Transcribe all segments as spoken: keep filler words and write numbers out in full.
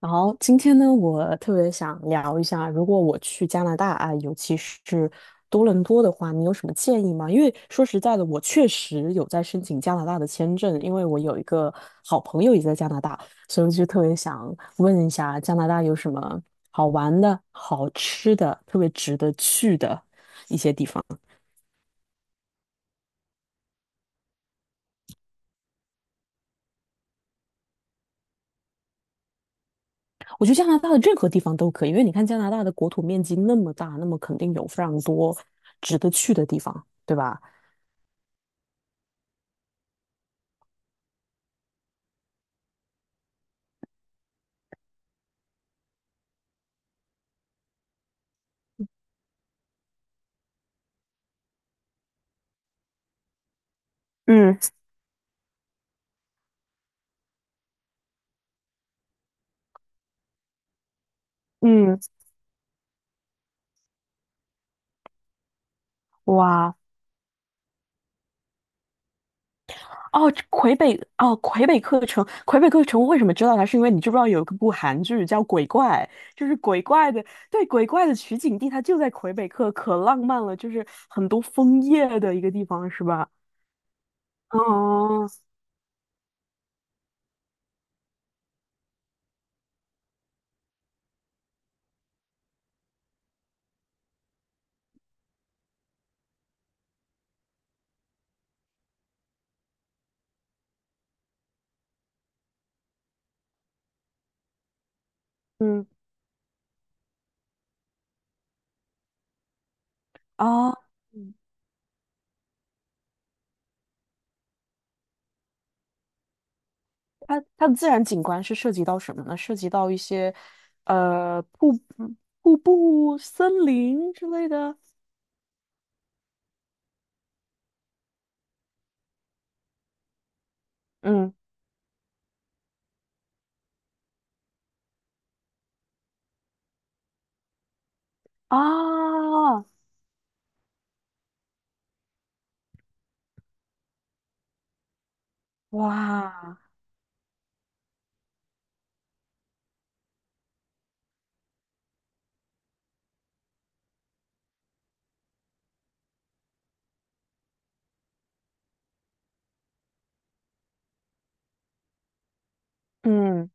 然后今天呢，我特别想聊一下，如果我去加拿大啊，尤其是多伦多的话，你有什么建议吗？因为说实在的，我确实有在申请加拿大的签证，因为我有一个好朋友也在加拿大，所以我就特别想问一下，加拿大有什么好玩的、好吃的、特别值得去的一些地方？我觉得加拿大的任何地方都可以，因为你看加拿大的国土面积那么大，那么肯定有非常多值得去的地方，对吧？嗯嗯，哇，哦，这魁北哦，魁北克城，魁北克城，我为什么知道它？是因为你知不知道有一部韩剧叫《鬼怪》，就是鬼怪的，对，鬼怪的取景地，它就在魁北克，可浪漫了，就是很多枫叶的一个地方，是吧？哦，嗯，啊，嗯它它的自然景观是涉及到什么呢？涉及到一些呃瀑布瀑布、森林之类的。嗯，啊，哇，嗯。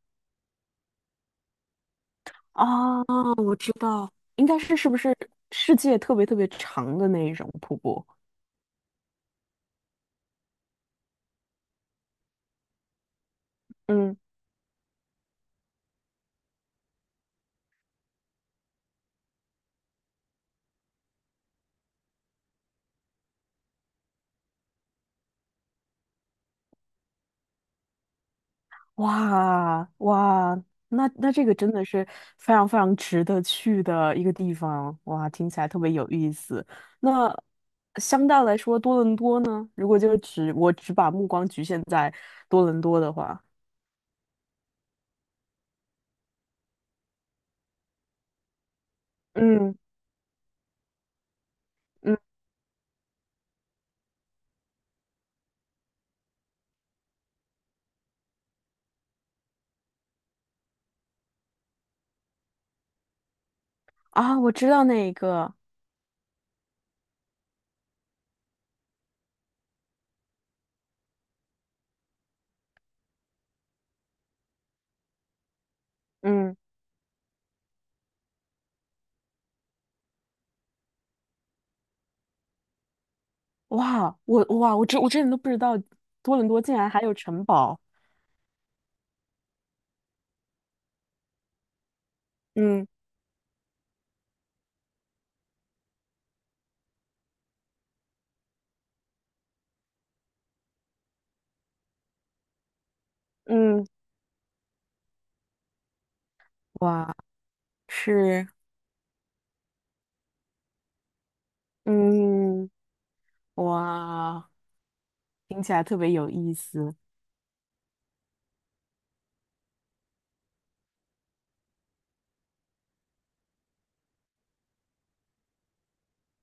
啊，我知道，应该是是不是世界特别特别长的那一种瀑布？嗯，哇，哇，那那这个真的是非常非常值得去的一个地方，哇，听起来特别有意思。那相对来说，多伦多呢？如果就是只我只把目光局限在多伦多的话，嗯嗯，啊，我知道那一个，嗯，哇，我哇，我之我之前都不知道多伦多竟然还有城堡。嗯嗯，哇，是，嗯，哇，听起来特别有意思。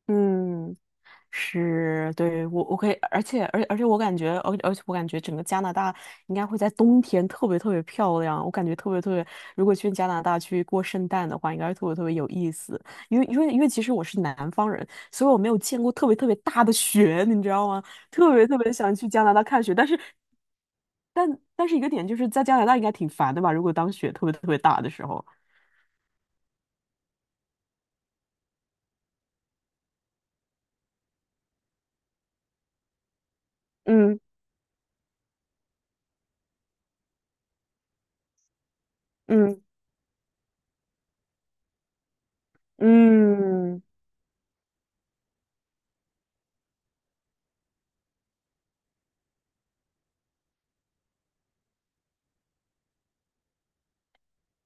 嗯。是，对，我我可以，而且而且，而且我感觉，而而且我感觉整个加拿大应该会在冬天特别特别漂亮。我感觉特别特别，如果去加拿大去过圣诞的话，应该是特别特别有意思。因为因为因为其实我是南方人，所以我没有见过特别特别大的雪，你知道吗？特别特别想去加拿大看雪，但是但但是一个点就是在加拿大应该挺烦的吧？如果当雪特别特别大的时候，嗯，嗯，嗯。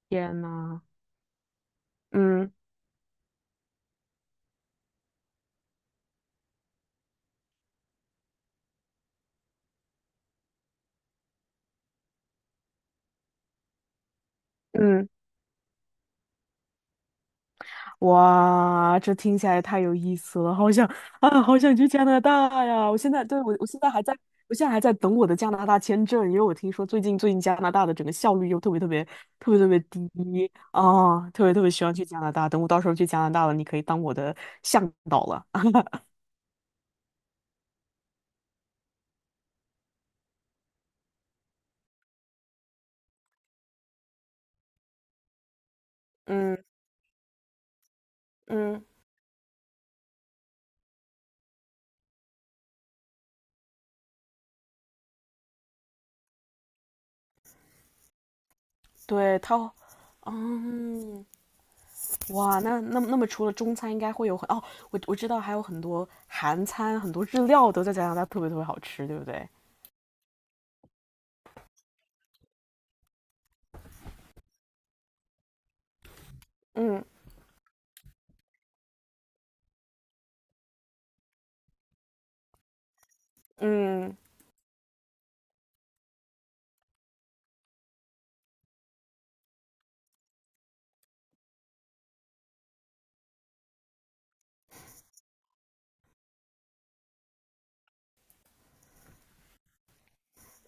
天呐！嗯，嗯。哇，这听起来太有意思了，好想啊，好想去加拿大呀！我现在对我，我现在还在，我现在还在等我的加拿大签证，因为我听说最近最近加拿大的整个效率又特别特别特别特别低啊，特别特别希望去加拿大。等我到时候去加拿大了，你可以当我的向导了。嗯嗯，对，他，嗯，哇，那那那么除了中餐，应该会有很哦，我我知道还有很多韩餐，很多日料都在加拿大特别特别好吃，对不对？嗯。嗯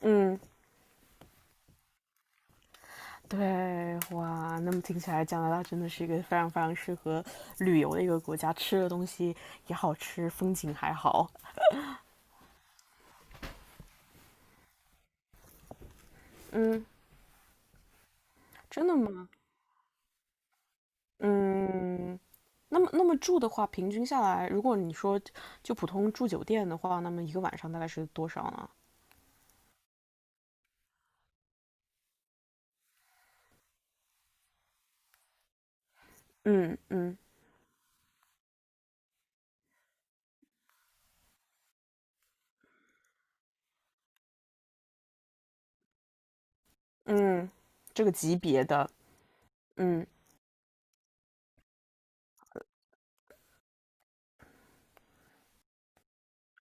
嗯，对，哇，那么听起来加拿大真的是一个非常非常适合旅游的一个国家，吃的东西也好吃，风景还好，真的吗？嗯，那么那么住的话，平均下来，如果你说就普通住酒店的话，那么一个晚上大概是多少呢？嗯，嗯，嗯，这个级别的，嗯，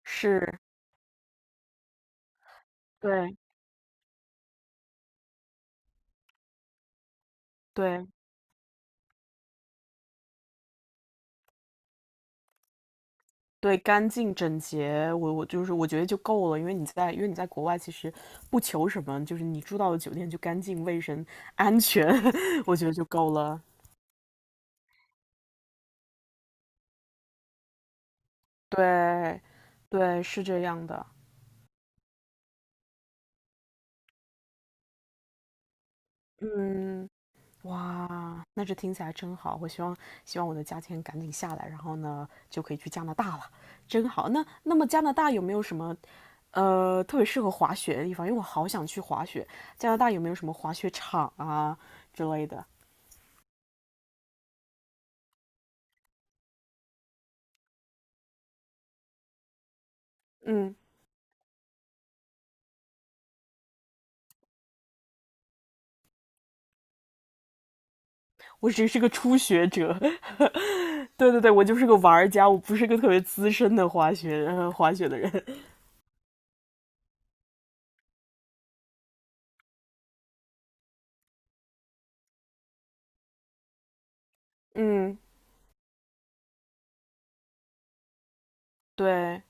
是，对对。对，干净整洁，我我就是我觉得就够了，因为你在因为你在国外其实不求什么，就是你住到的酒店就干净、卫生、安全，我觉得就够了。对，对，是这样的。嗯，哇，那这听起来真好。我希望希望我的价钱赶紧下来，然后呢就可以去加拿大了，真好。那那么加拿大有没有什么呃特别适合滑雪的地方？因为我好想去滑雪。加拿大有没有什么滑雪场啊之类的？嗯。我只是个初学者。对对对，我就是个玩家，我不是个特别资深的滑雪 滑雪的人。嗯，对，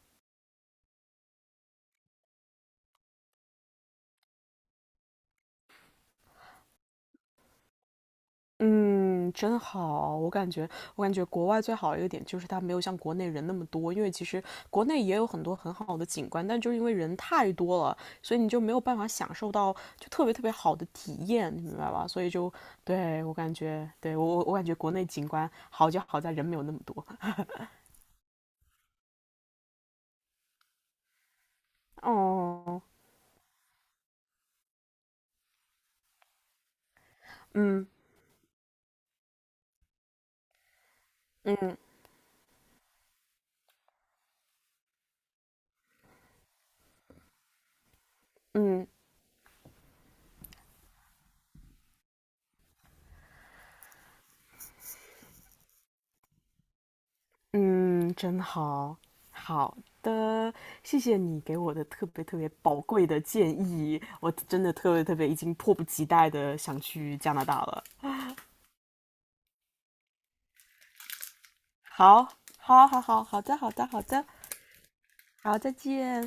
嗯，真好。我感觉，我感觉国外最好的一个点就是它没有像国内人那么多，因为其实国内也有很多很好的景观，但就是因为人太多了，所以你就没有办法享受到就特别特别好的体验，你明白吧？所以就对我感觉，对我我我感觉国内景观好就好在人没有那么多。哦，嗯，嗯，嗯。嗯，真好，好的，谢谢你给我的特别特别宝贵的建议，我真的特别特别已经迫不及待的想去加拿大了。好，好，好，好，好的，好的，好的，好，再见。